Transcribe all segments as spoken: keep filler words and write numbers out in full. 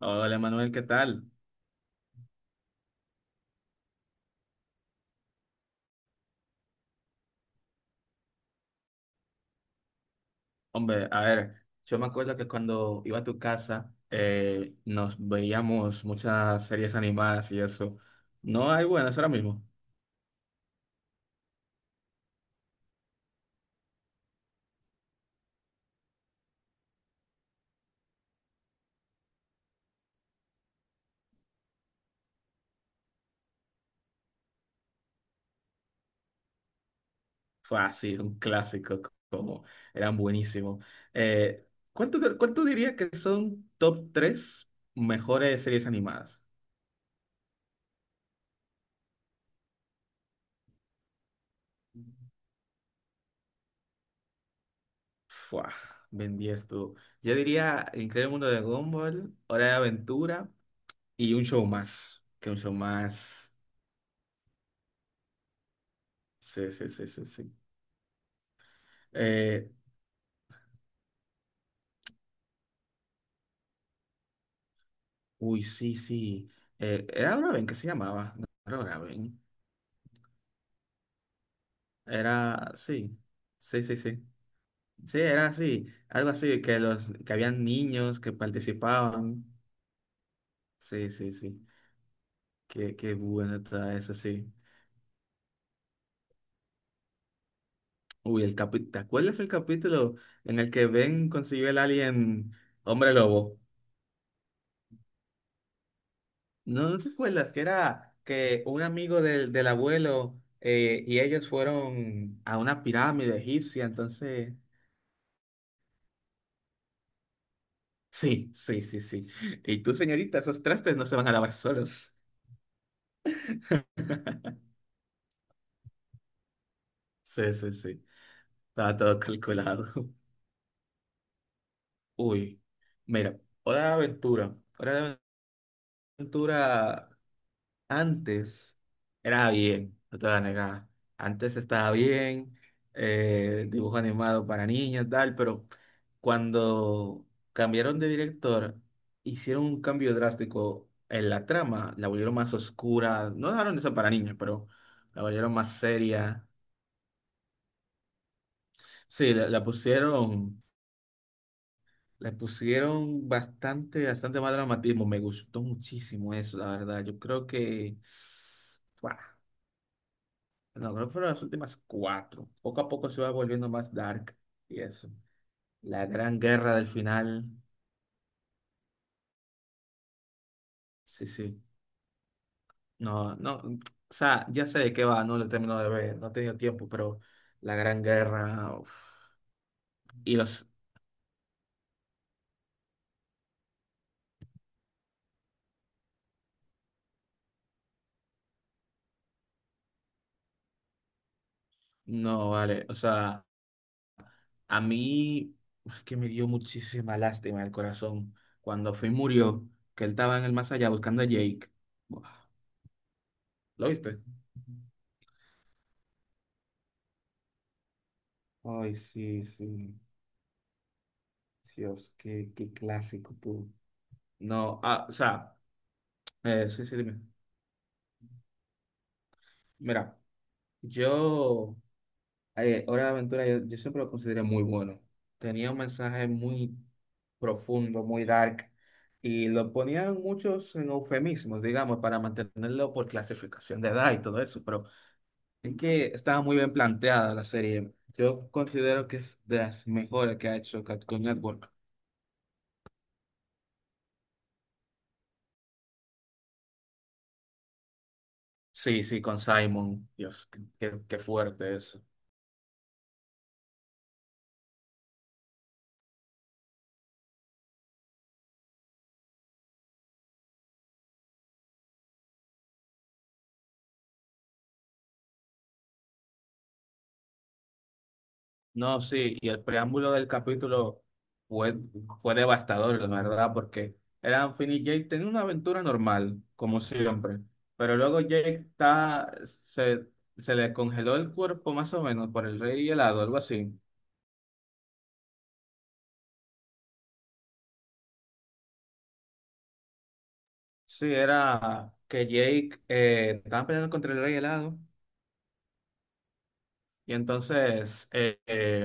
Hola Manuel, ¿qué tal? Hombre, a ver, yo me acuerdo que cuando iba a tu casa eh, nos veíamos muchas series animadas y eso. No hay buenas ahora mismo. Fácil, un clásico, como eran buenísimos. Eh, ¿cuánto, te- cuánto dirías que son top tres mejores series animadas? Fua, Ben diez tú. Yo diría El Increíble Mundo de Gumball, Hora de Aventura y un show más. Que un show más. Sí, sí, sí, sí, sí. Eh, uy, sí, sí. Eh, era Draven que se llamaba. No era Draven. Era, sí. Sí, sí, sí. Sí, era así. Algo así, que los, que habían niños que participaban. Sí, sí, sí. Qué, qué bueno está eso, sí. Uy, el capi ¿te acuerdas el capítulo en el que Ben consiguió el alien hombre lobo? ¿No no te acuerdas que era que un amigo del, del abuelo eh, y ellos fueron a una pirámide egipcia, entonces... Sí, sí, sí, sí. Y tú, señorita, esos trastes no se van a lavar solos. Sí, sí, sí. Estaba todo calculado. Uy, mira, hora de aventura. Hora de aventura. Antes era bien, no te voy a negar. Antes estaba bien, eh, dibujo animado para niños, tal, pero cuando cambiaron de director, hicieron un cambio drástico en la trama, la volvieron más oscura, no dejaron eso para niños, pero la volvieron más seria. Sí, la, la pusieron, la pusieron bastante, bastante más dramatismo, me gustó muchísimo eso, la verdad. Yo creo que, ¡guau! No, creo que fueron las últimas cuatro. Poco a poco se va volviendo más dark y eso. La gran guerra del final. Sí, sí. No, no. O sea, ya sé de qué va, no lo termino de ver, no he tenido tiempo, pero la gran guerra. Uf. Y los. No, vale. O sea, a mí es que me dio muchísima lástima en el corazón cuando Finn murió, que él estaba en el más allá buscando a Jake. Buah, ¿Lo viste? Ay, sí, sí. Dios, qué, qué clásico tú. No, ah, o sea, eh, sí, sí, dime. Mira, yo, eh, Hora de Aventura, yo, yo siempre lo consideré muy bueno. Tenía un mensaje muy profundo, muy dark, y lo ponían muchos en eufemismos, digamos, para mantenerlo por clasificación de edad y todo eso, pero es que estaba muy bien planteada la serie. Yo considero que es de las mejores que ha hecho Cartoon Network. Sí, sí, con Simon. Dios, qué, qué qué fuerte. No, sí, y el preámbulo del capítulo fue, fue devastador, la verdad, porque eran Finn y Jake tenían una aventura normal, como siempre, pero luego Jake está, se, se le congeló el cuerpo más o menos por el rey helado, algo así. Sí, era que Jake eh, estaba peleando contra el rey helado. Y entonces eh, eh,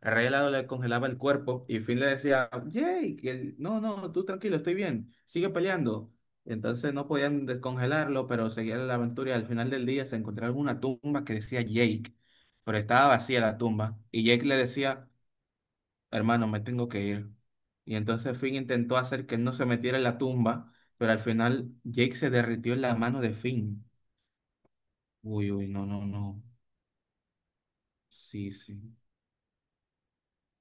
el rey helado le congelaba el cuerpo y Finn le decía, Jake, y él, no, no, tú tranquilo, estoy bien, sigue peleando. Y entonces no podían descongelarlo, pero seguía la aventura y al final del día se encontraron una tumba que decía Jake, pero estaba vacía la tumba. Y Jake le decía, hermano, me tengo que ir. Y entonces Finn intentó hacer que él no se metiera en la tumba, pero al final Jake se derritió en la mano de Finn. Uy, uy, no, no, no. Sí, sí.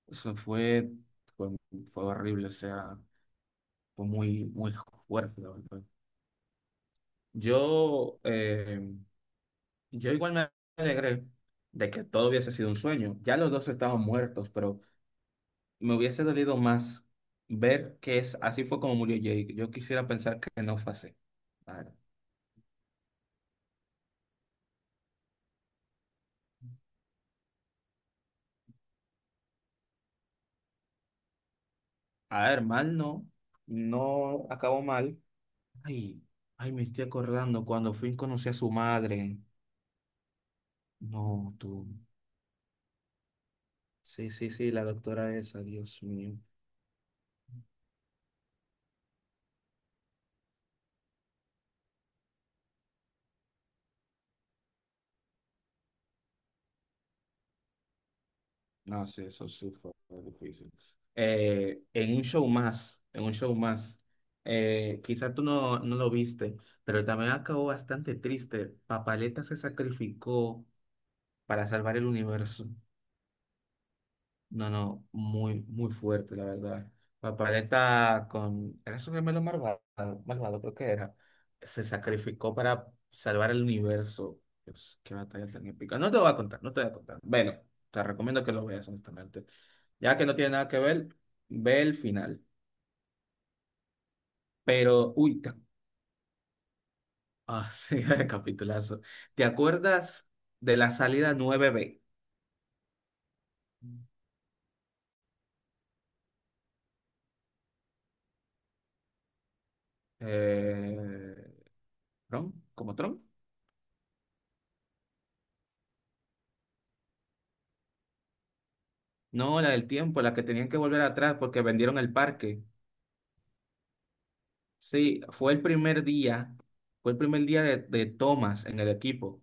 Eso fue, fue, fue horrible, o sea, fue muy, muy fuerte, la verdad. Yo, eh, yo igual me alegré de que todo hubiese sido un sueño. Ya los dos estaban muertos, pero me hubiese dolido más ver que es, así fue como murió Jake. Yo quisiera pensar que no fue así. A ver, a ver, mal no, no acabó mal. Ay, ay, me estoy acordando cuando Finn conocí a su madre. No, tú. Sí, sí, sí, la doctora esa, Dios mío. No, sí, eso sí fue difícil. Eh, en un show más, en un show más, eh, quizás tú no, no lo viste, pero también acabó bastante triste. Papaleta se sacrificó para salvar el universo. No, no, muy, muy fuerte, la verdad. Papaleta con... Era su gemelo malvado, malvado, creo que era. Se sacrificó para salvar el universo. Dios, qué batalla tan épica. No te voy a contar, no te voy a contar. Bueno, te recomiendo que lo veas, honestamente. Ya que no tiene nada que ver, ve el final. Pero, uy, te... ah, sí, capitulazo. ¿Te acuerdas de la salida nueve b? Eh, ¿Tron? ¿Como Tron? No, la del tiempo, la que tenían que volver atrás porque vendieron el parque. Sí, fue el primer día, fue el primer día de, de Thomas en el equipo.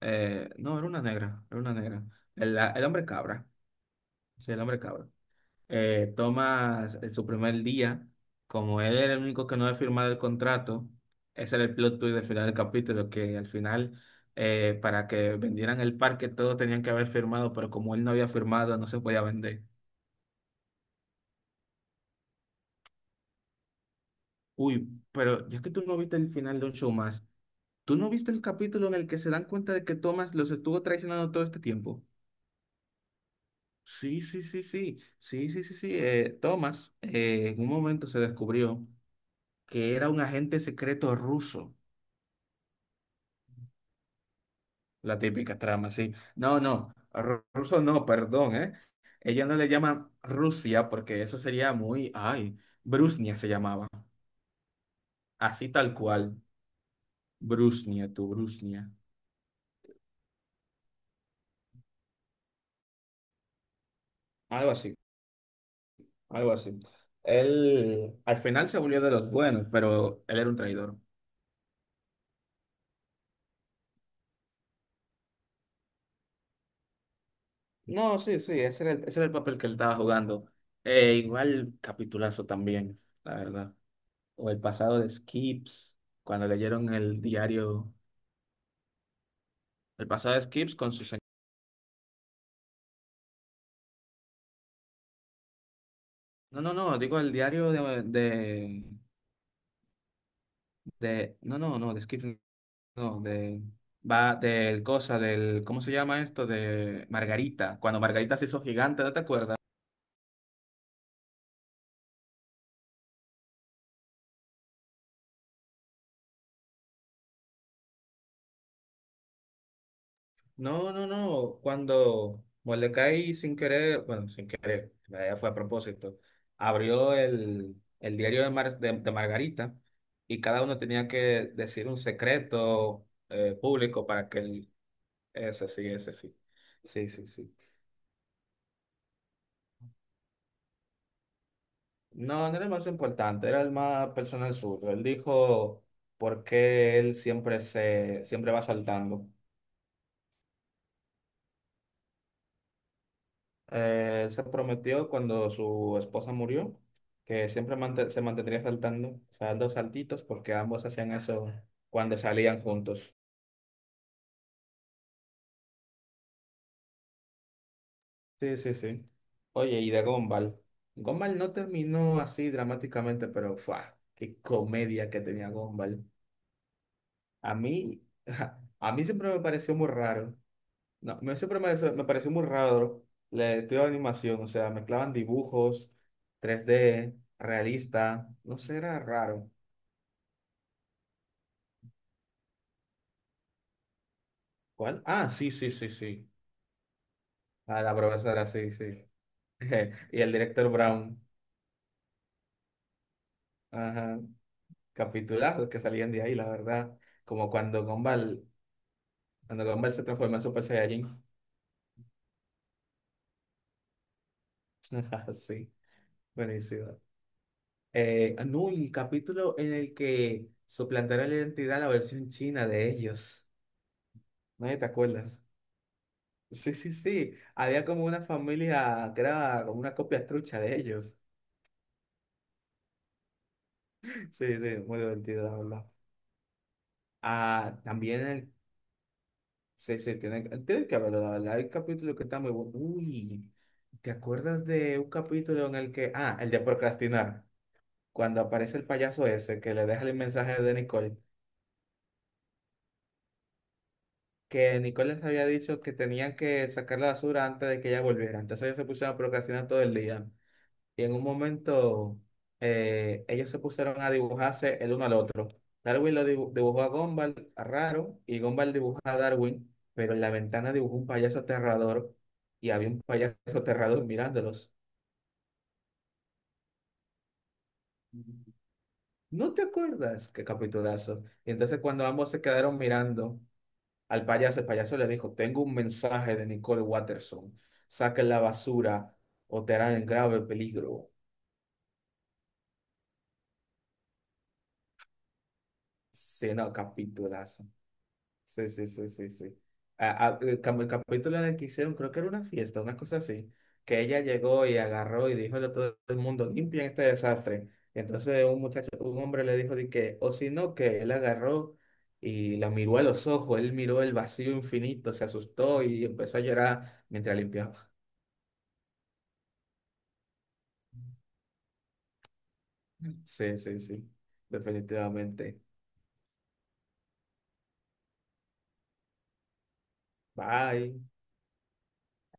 Eh, no, era una negra, era una negra. El, la- el hombre cabra, sí, el hombre cabra. Eh, Thomas, en su primer día, como él era el único que no había firmado el contrato, ese era el plot twist del final del capítulo, que al final, eh, para que vendieran el parque, todos tenían que haber firmado, pero como él no había firmado, no se podía vender. Uy, pero ya que tú no viste el final de un show más, ¿tú no viste el capítulo en el que se dan cuenta de que Thomas los estuvo traicionando todo este tiempo? Sí, sí, sí, sí, sí, sí, sí, sí. eh, Thomas eh, en un momento se descubrió que era un agente secreto ruso, la típica trama, sí. No, no, ru- ruso no, perdón, ¿eh? Ella no le llama Rusia porque eso sería muy, ay, Brusnia se llamaba, así tal cual, Brusnia, tu Brusnia, algo así. Algo así. Él al final se volvió de los buenos, pero él era un traidor. No, sí, sí, ese era el, ese era el papel que él estaba jugando. Eh, igual capitulazo también, la verdad. O el pasado de Skips, cuando leyeron el diario, el pasado de Skips con sus... No, no, no, digo el diario de, de, de- no, no, no, de Skips, no, de, va, del cosa, del, ¿cómo se llama esto? De Margarita, cuando Margarita se hizo gigante, ¿no te acuerdas? No, no, no. Cuando Mordecai sin querer, bueno, sin querer, en realidad fue a propósito, abrió el, el diario de, Mar- de, de Margarita y cada uno tenía que decir un secreto eh, público para que el ese sí, ese sí. Sí, sí, sí. No, no era el más importante, era el más personal suyo. Él dijo por qué él siempre se, siempre va saltando. Eh, él se prometió cuando su esposa murió que siempre mante- se mantendría saltando, o sea, dos saltitos, porque ambos hacían eso cuando salían juntos. Sí, sí, sí. Oye, y de Gumball. Gumball no terminó así dramáticamente, pero ¡fua! ¡Qué comedia que tenía Gumball! A mí, a mí siempre me pareció muy raro. No, me, siempre me, me pareció muy raro el estudio de animación, o sea, mezclaban dibujos, tres d realista, no sé, era raro. ¿Cuál? Ah, sí, sí, sí, sí. Ah, la profesora, sí, sí. Y el director Brown. Ajá. Capitulazos que salían de ahí, la verdad. Como cuando Gumball, cuando Gumball se transformó en Super Saiyajin. Sí, buenísimo. Eh, no, y el capítulo en el que suplantaron la identidad a la versión china de ellos. ¿No te acuerdas? Sí, sí, sí. Había como una familia que era como una copia trucha de ellos. Sí, sí, muy divertido, la verdad. Ah, también el. Sí, sí, tiene, tiene que haberlo, la verdad. Hay capítulos que están muy buenos. Uy, ¿te acuerdas de un capítulo en el que... Ah, el de procrastinar. Cuando aparece el payaso ese que le deja el mensaje de Nicole. Que Nicole les había dicho que tenían que sacar la basura antes de que ella volviera. Entonces ellos se pusieron a procrastinar todo el día. Y en un momento eh, ellos se pusieron a dibujarse el uno al otro. Darwin lo dibu- dibujó a Gumball, a Raro, y Gumball dibujó a Darwin, pero en la ventana dibujó un payaso aterrador y había un payaso aterrador mirándolos. ¿No te acuerdas? Qué capitulazo. Y entonces cuando ambos se quedaron mirando al payaso, el payaso le dijo, tengo un mensaje de Nicole Watterson. Saquen la basura o te harán en grave peligro. Sí, no, capitulazo. Sí, sí, sí, sí, sí. Ah, ah, eh, como el capítulo en el que hicieron, creo que era una fiesta, una cosa así, que ella llegó y agarró y dijo a todo el mundo, limpien este desastre. Y entonces un muchacho, un hombre le dijo de que, o si no, que él agarró y la miró a los ojos, él miró el vacío infinito, se asustó y empezó a llorar mientras limpiaba. Sí, sí, sí, definitivamente. Bye.